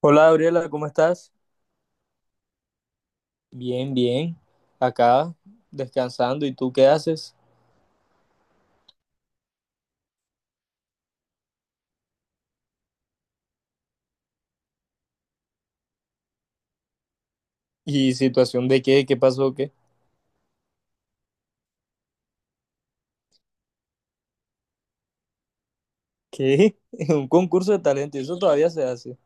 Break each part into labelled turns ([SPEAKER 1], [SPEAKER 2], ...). [SPEAKER 1] Hola Gabriela, ¿cómo estás? Bien, bien. Acá descansando. ¿Y tú qué haces? ¿Y situación de qué? ¿Qué pasó? ¿Qué? ¿Qué? Un concurso de talento. Eso todavía se hace.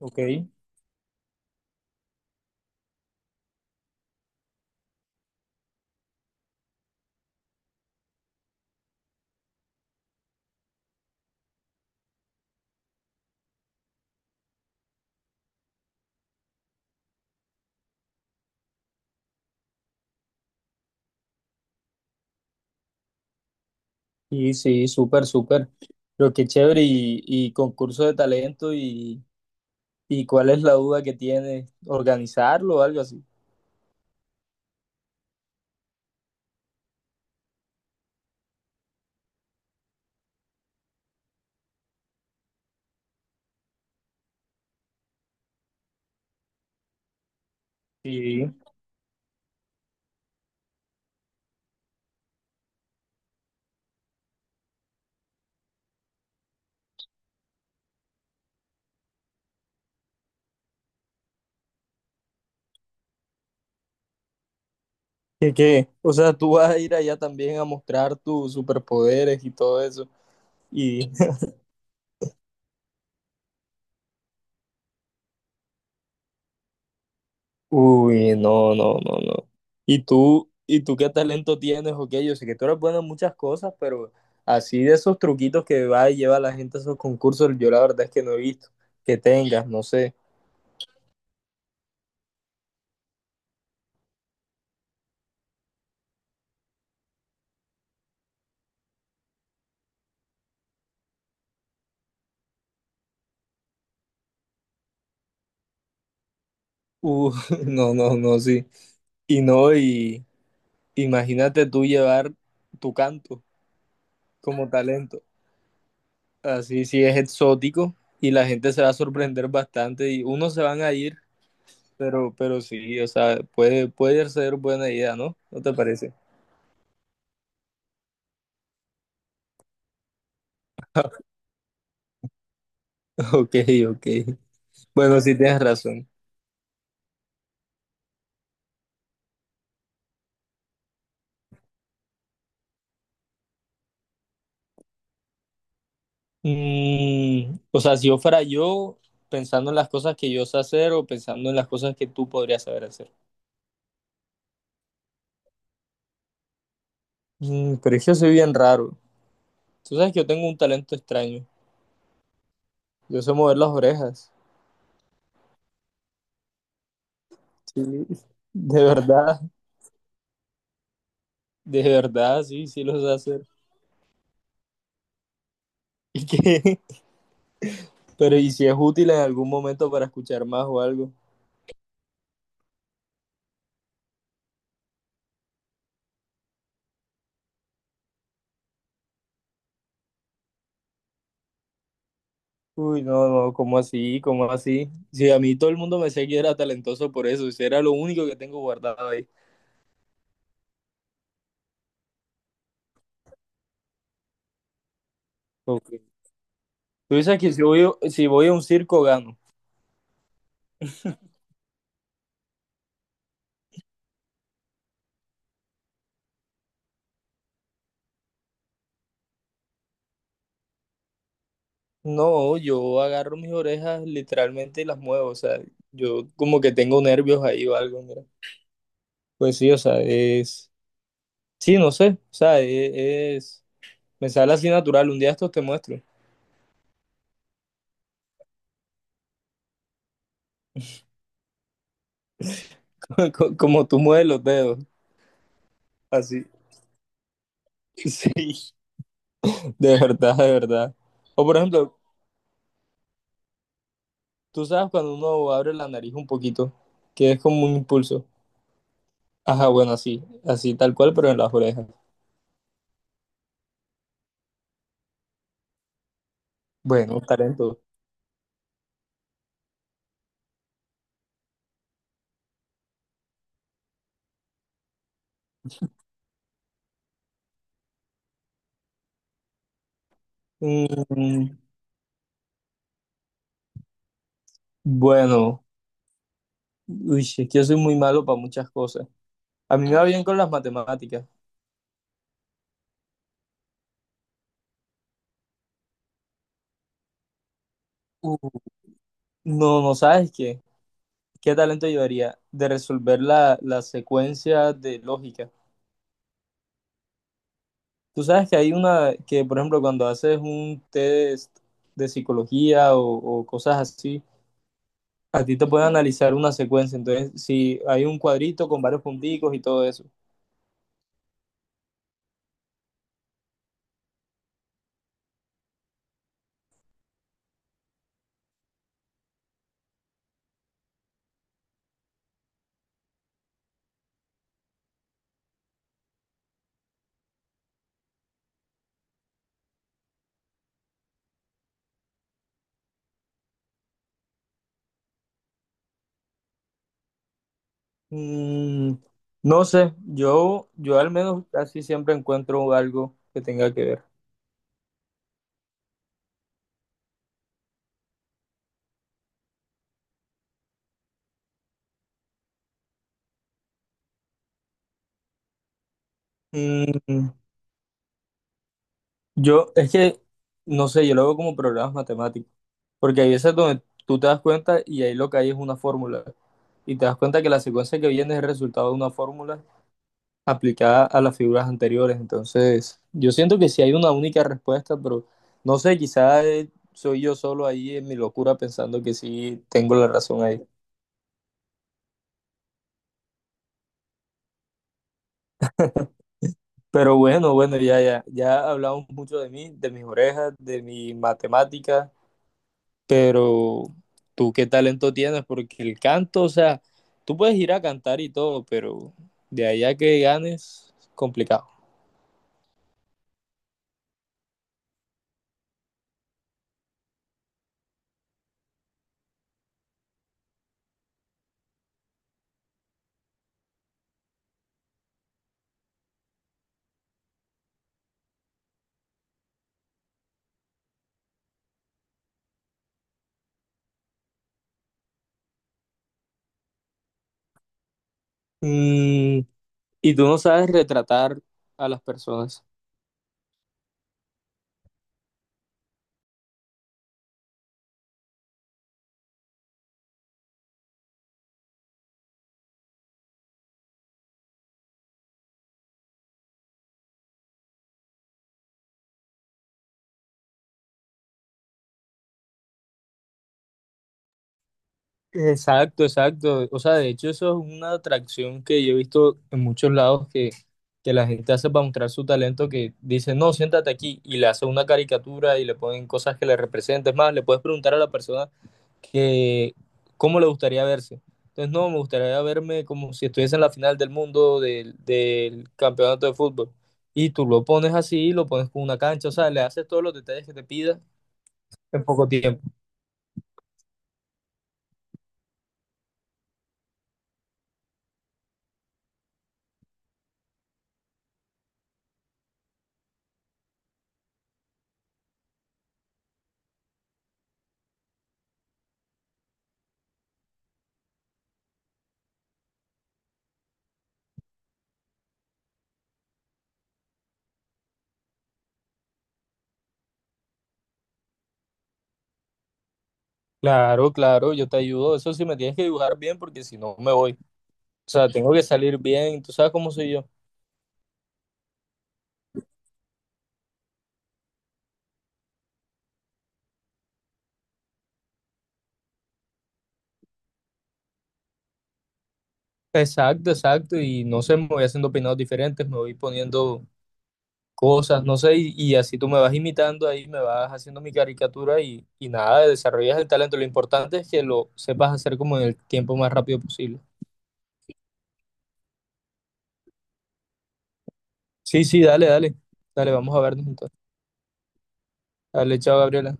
[SPEAKER 1] Ok. Y sí, súper, súper. Pero qué chévere. Y concurso de talento. Y, ¿y cuál es la duda que tienes? ¿Organizarlo o algo así? Sí. ¿Qué, qué? O sea, tú vas a ir allá también a mostrar tus superpoderes y todo eso. Y uy, no, no, no, no. Y tú qué talento tienes o qué? Yo sé que tú eres bueno en muchas cosas, pero así de esos truquitos que va y lleva la gente a esos concursos, yo la verdad es que no he visto que tengas, no sé. Uh, no, no, no, sí. Y no, y imagínate tú llevar tu canto como talento. Así sí es exótico y la gente se va a sorprender bastante y unos se van a ir, pero sí, o sea, puede ser buena idea, ¿no? ¿No te parece? Ok, ok. Bueno, sí tienes razón. Mm, o sea, si yo fuera yo, pensando en las cosas que yo sé hacer o pensando en las cosas que tú podrías saber hacer. Mm, pero es que yo soy bien raro. Tú sabes que yo tengo un talento extraño. Yo sé mover las orejas. Sí, de verdad, de verdad, sí, sí lo sé hacer. ¿Y qué? Pero ¿y si es útil en algún momento para escuchar más o algo? Uy, no, no, ¿cómo así? ¿Cómo así? Si a mí todo el mundo me decía que era talentoso por eso, si era lo único que tengo guardado ahí. Ok. Tú dices que si voy, si voy a un circo gano. No, yo agarro mis orejas literalmente y las muevo, o sea, yo como que tengo nervios ahí o algo, mira. Pues sí, o sea, es... Sí, no sé, o sea, es... Me sale así natural, un día estos te muestro, como tú mueves los dedos, así. Sí, de verdad, de verdad. O por ejemplo, tú sabes cuando uno abre la nariz un poquito, que es como un impulso. Ajá, bueno, así, así tal cual, pero en las orejas. Bueno, talento. Mm, bueno, uy, es que yo soy muy malo para muchas cosas. A mí me va bien con las matemáticas. Uh, No, no sabes qué. ¿Qué talento llevaría? De resolver la secuencia de lógica. Tú sabes que hay una que, por ejemplo, cuando haces un test de psicología o cosas así, a ti te pueden analizar una secuencia. Entonces, si hay un cuadrito con varios punticos y todo eso. Mm, no sé, yo al menos casi siempre encuentro algo que tenga que ver. Mm, yo, es que, no sé, yo lo veo como programas matemáticos, porque hay veces donde tú te das cuenta y ahí lo que hay es una fórmula, y te das cuenta que la secuencia que viene es el resultado de una fórmula aplicada a las figuras anteriores. Entonces, yo siento que sí hay una única respuesta, pero no sé, quizás soy yo solo ahí en mi locura pensando que sí tengo la razón ahí. Pero bueno, bueno, ya, ya, ya hablamos mucho de mí, de mis orejas, de mi matemática. Pero tú qué talento tienes, porque el canto, o sea, tú puedes ir a cantar y todo, pero de allá que ganes, complicado. Mm, y tú no sabes retratar a las personas. Exacto, exacto. O sea, de hecho eso es una atracción que yo he visto en muchos lados que la gente hace para mostrar su talento, que dice, no, siéntate aquí y le hace una caricatura y le ponen cosas que le representen. Es más, le puedes preguntar a la persona que cómo le gustaría verse. Entonces, no, me gustaría verme como si estuviese en la final del mundo del campeonato de fútbol. Y tú lo pones así, lo pones con una cancha, o sea, le haces todos los detalles que te pida en poco tiempo. Claro, claro, yo te ayudo. Eso sí me tienes que dibujar bien porque si no me voy. O sea, tengo que salir bien. Tú sabes cómo soy yo. Exacto, exacto. Y no sé, me voy haciendo peinados diferentes, me voy poniendo cosas, no sé. Y así tú me vas imitando ahí, me vas haciendo mi caricatura y nada, desarrollas el talento. Lo importante es que lo sepas hacer como en el tiempo más rápido posible. Sí, sí, dale, dale. Dale, vamos a vernos entonces. Dale, chao, Gabriela.